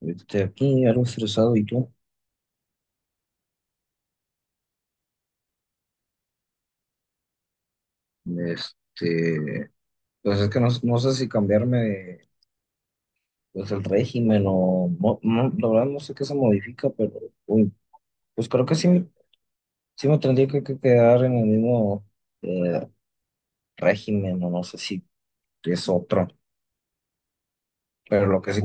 Aquí algo estresado, ¿y tú? Este, pues es que no sé si cambiarme pues el régimen o no, no, la verdad no sé qué se modifica, pero uy, pues creo que sí, sí me tendría que quedar en el mismo eh, régimen o no sé si es otro, pero lo que sí.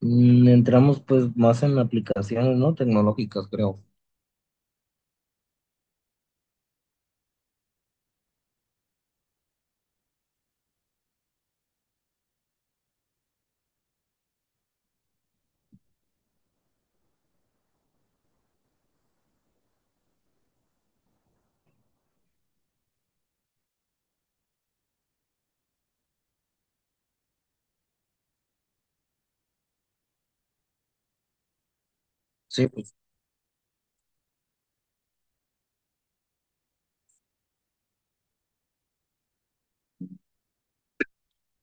Mm. Entramos pues más en aplicaciones, ¿no? Tecnológicas, creo. Sí, pues,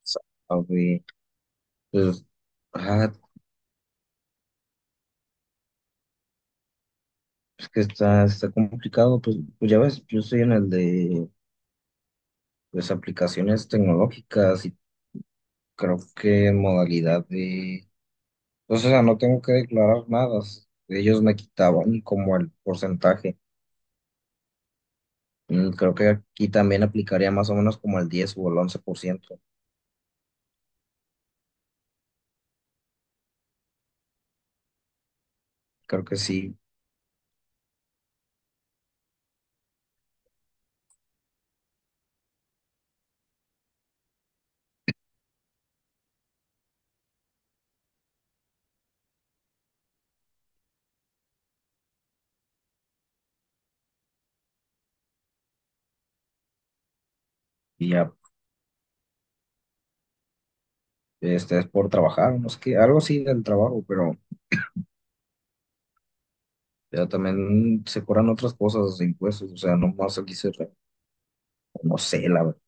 sabe, pues, ah, es que está complicado, pues, pues ya ves, yo estoy en el de pues aplicaciones tecnológicas y creo que modalidad de, pues, o sea, no tengo que declarar nada. Ellos me quitaban como el porcentaje. Mm. Creo que aquí también aplicaría más o menos como el 10% o el 11%. Creo que sí, y ya, este es por trabajar, no es que algo sí del trabajo, pero también se cobran otras cosas, de impuestos, o sea, no más aquí no sé, la verdad.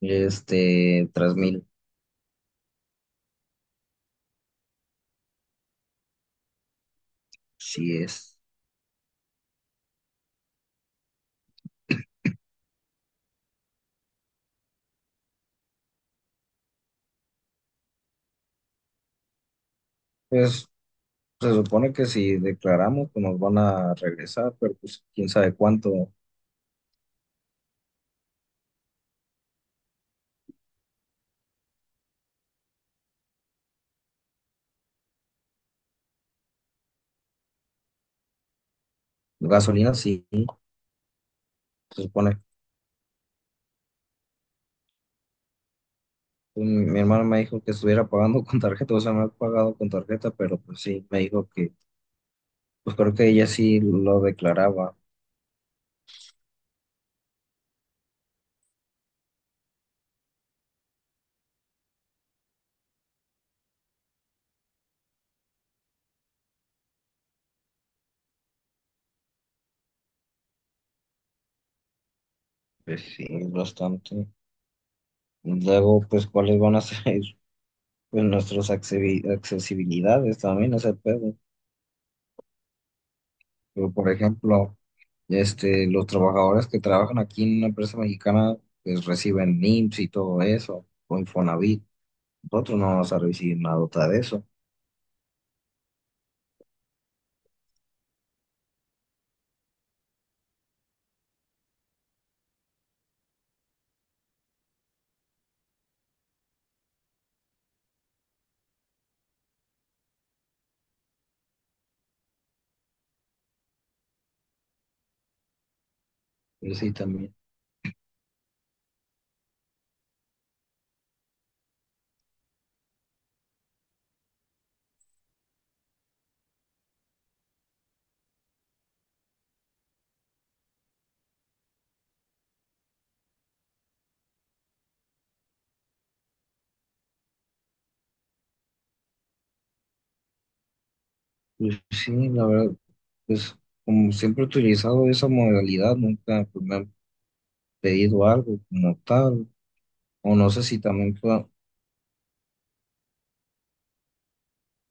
3,000, sí es. Pues se supone que si declaramos, pues nos van a regresar, pero pues quién sabe cuánto. Gasolina sí, se supone. Pues, mi hermano me dijo que estuviera pagando con tarjeta, o sea, no he pagado con tarjeta, pero pues sí, me dijo que, pues creo que ella sí lo declaraba. Pues sí, bastante. Luego, pues, ¿cuáles van a ser pues, nuestras accesibilidades también, ese pedo? Pero, por ejemplo, los trabajadores que trabajan aquí en una empresa mexicana, pues reciben IMSS y todo eso, o Infonavit. Nosotros no vamos a recibir nada de eso. Pero sí, también. Pues sí, la verdad, pues como siempre he utilizado esa modalidad, nunca pues, me han pedido algo como tal. O no sé si también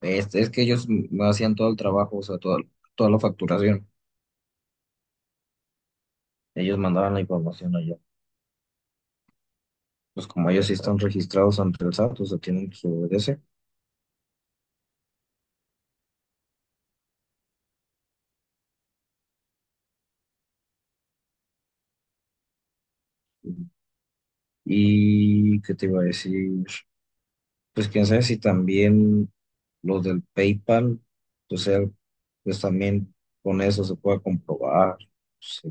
es que ellos me hacían todo el trabajo, o sea, toda la facturación. Ellos mandaban la información allá. Pues como ellos sí están registrados ante el SAT, o sea, tienen que obedecer. Y qué te iba a decir, pues quién sabe si también los del PayPal, o sea, pues también con eso se puede comprobar, sí,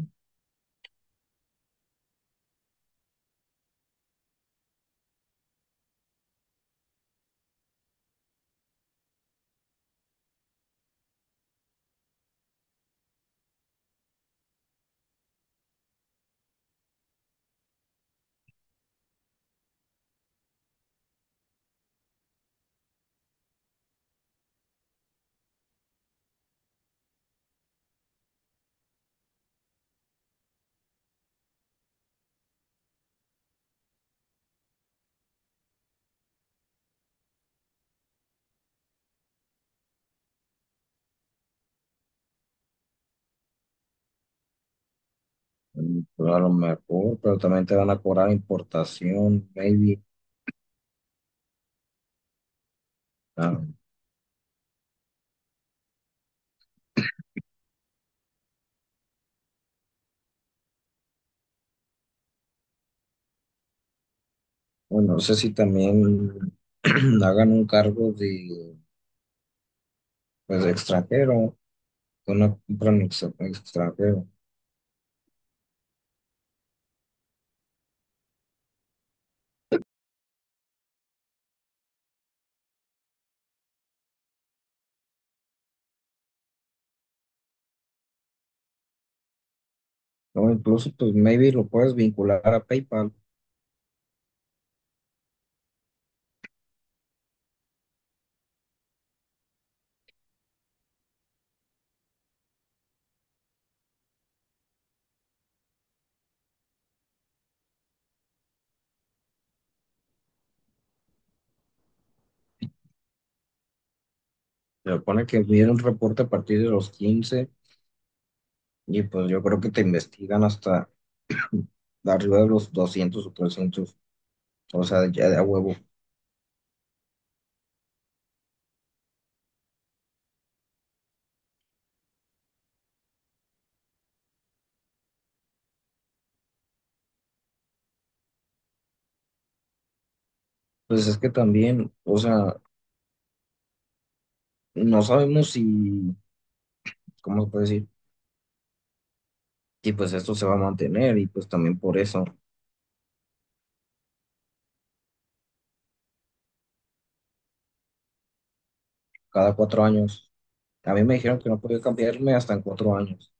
pero a lo mejor, pero también te van a cobrar importación, maybe. Ah, bueno, no sé si también hagan un cargo de, pues, extranjero, de una compra en extranjero. O incluso, pues, maybe lo puedes vincular a PayPal. Se supone que viene un reporte a partir de los 15. Y pues yo creo que te investigan hasta arriba de los 200 o 300, o sea, ya de a huevo. Pues es que también, o sea, no sabemos si, ¿cómo se puede decir? Si pues esto se va a mantener y pues también por eso, cada cuatro años. A mí me dijeron que no podía cambiarme hasta en 4 años.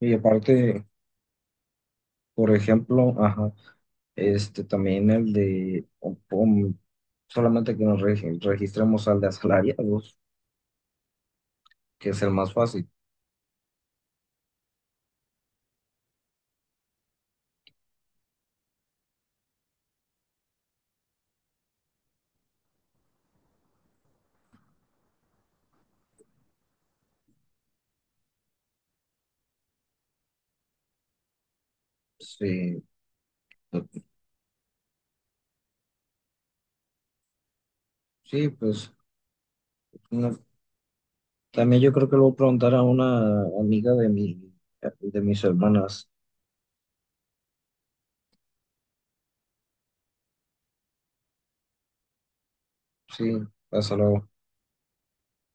Y aparte, por ejemplo, ajá, este también el de, solamente que nos registremos al de asalariados, que es el más fácil. Sí, pues. Sí, pues. No. También yo creo que le voy a preguntar a una amiga de mis hermanas. Sí, hasta luego.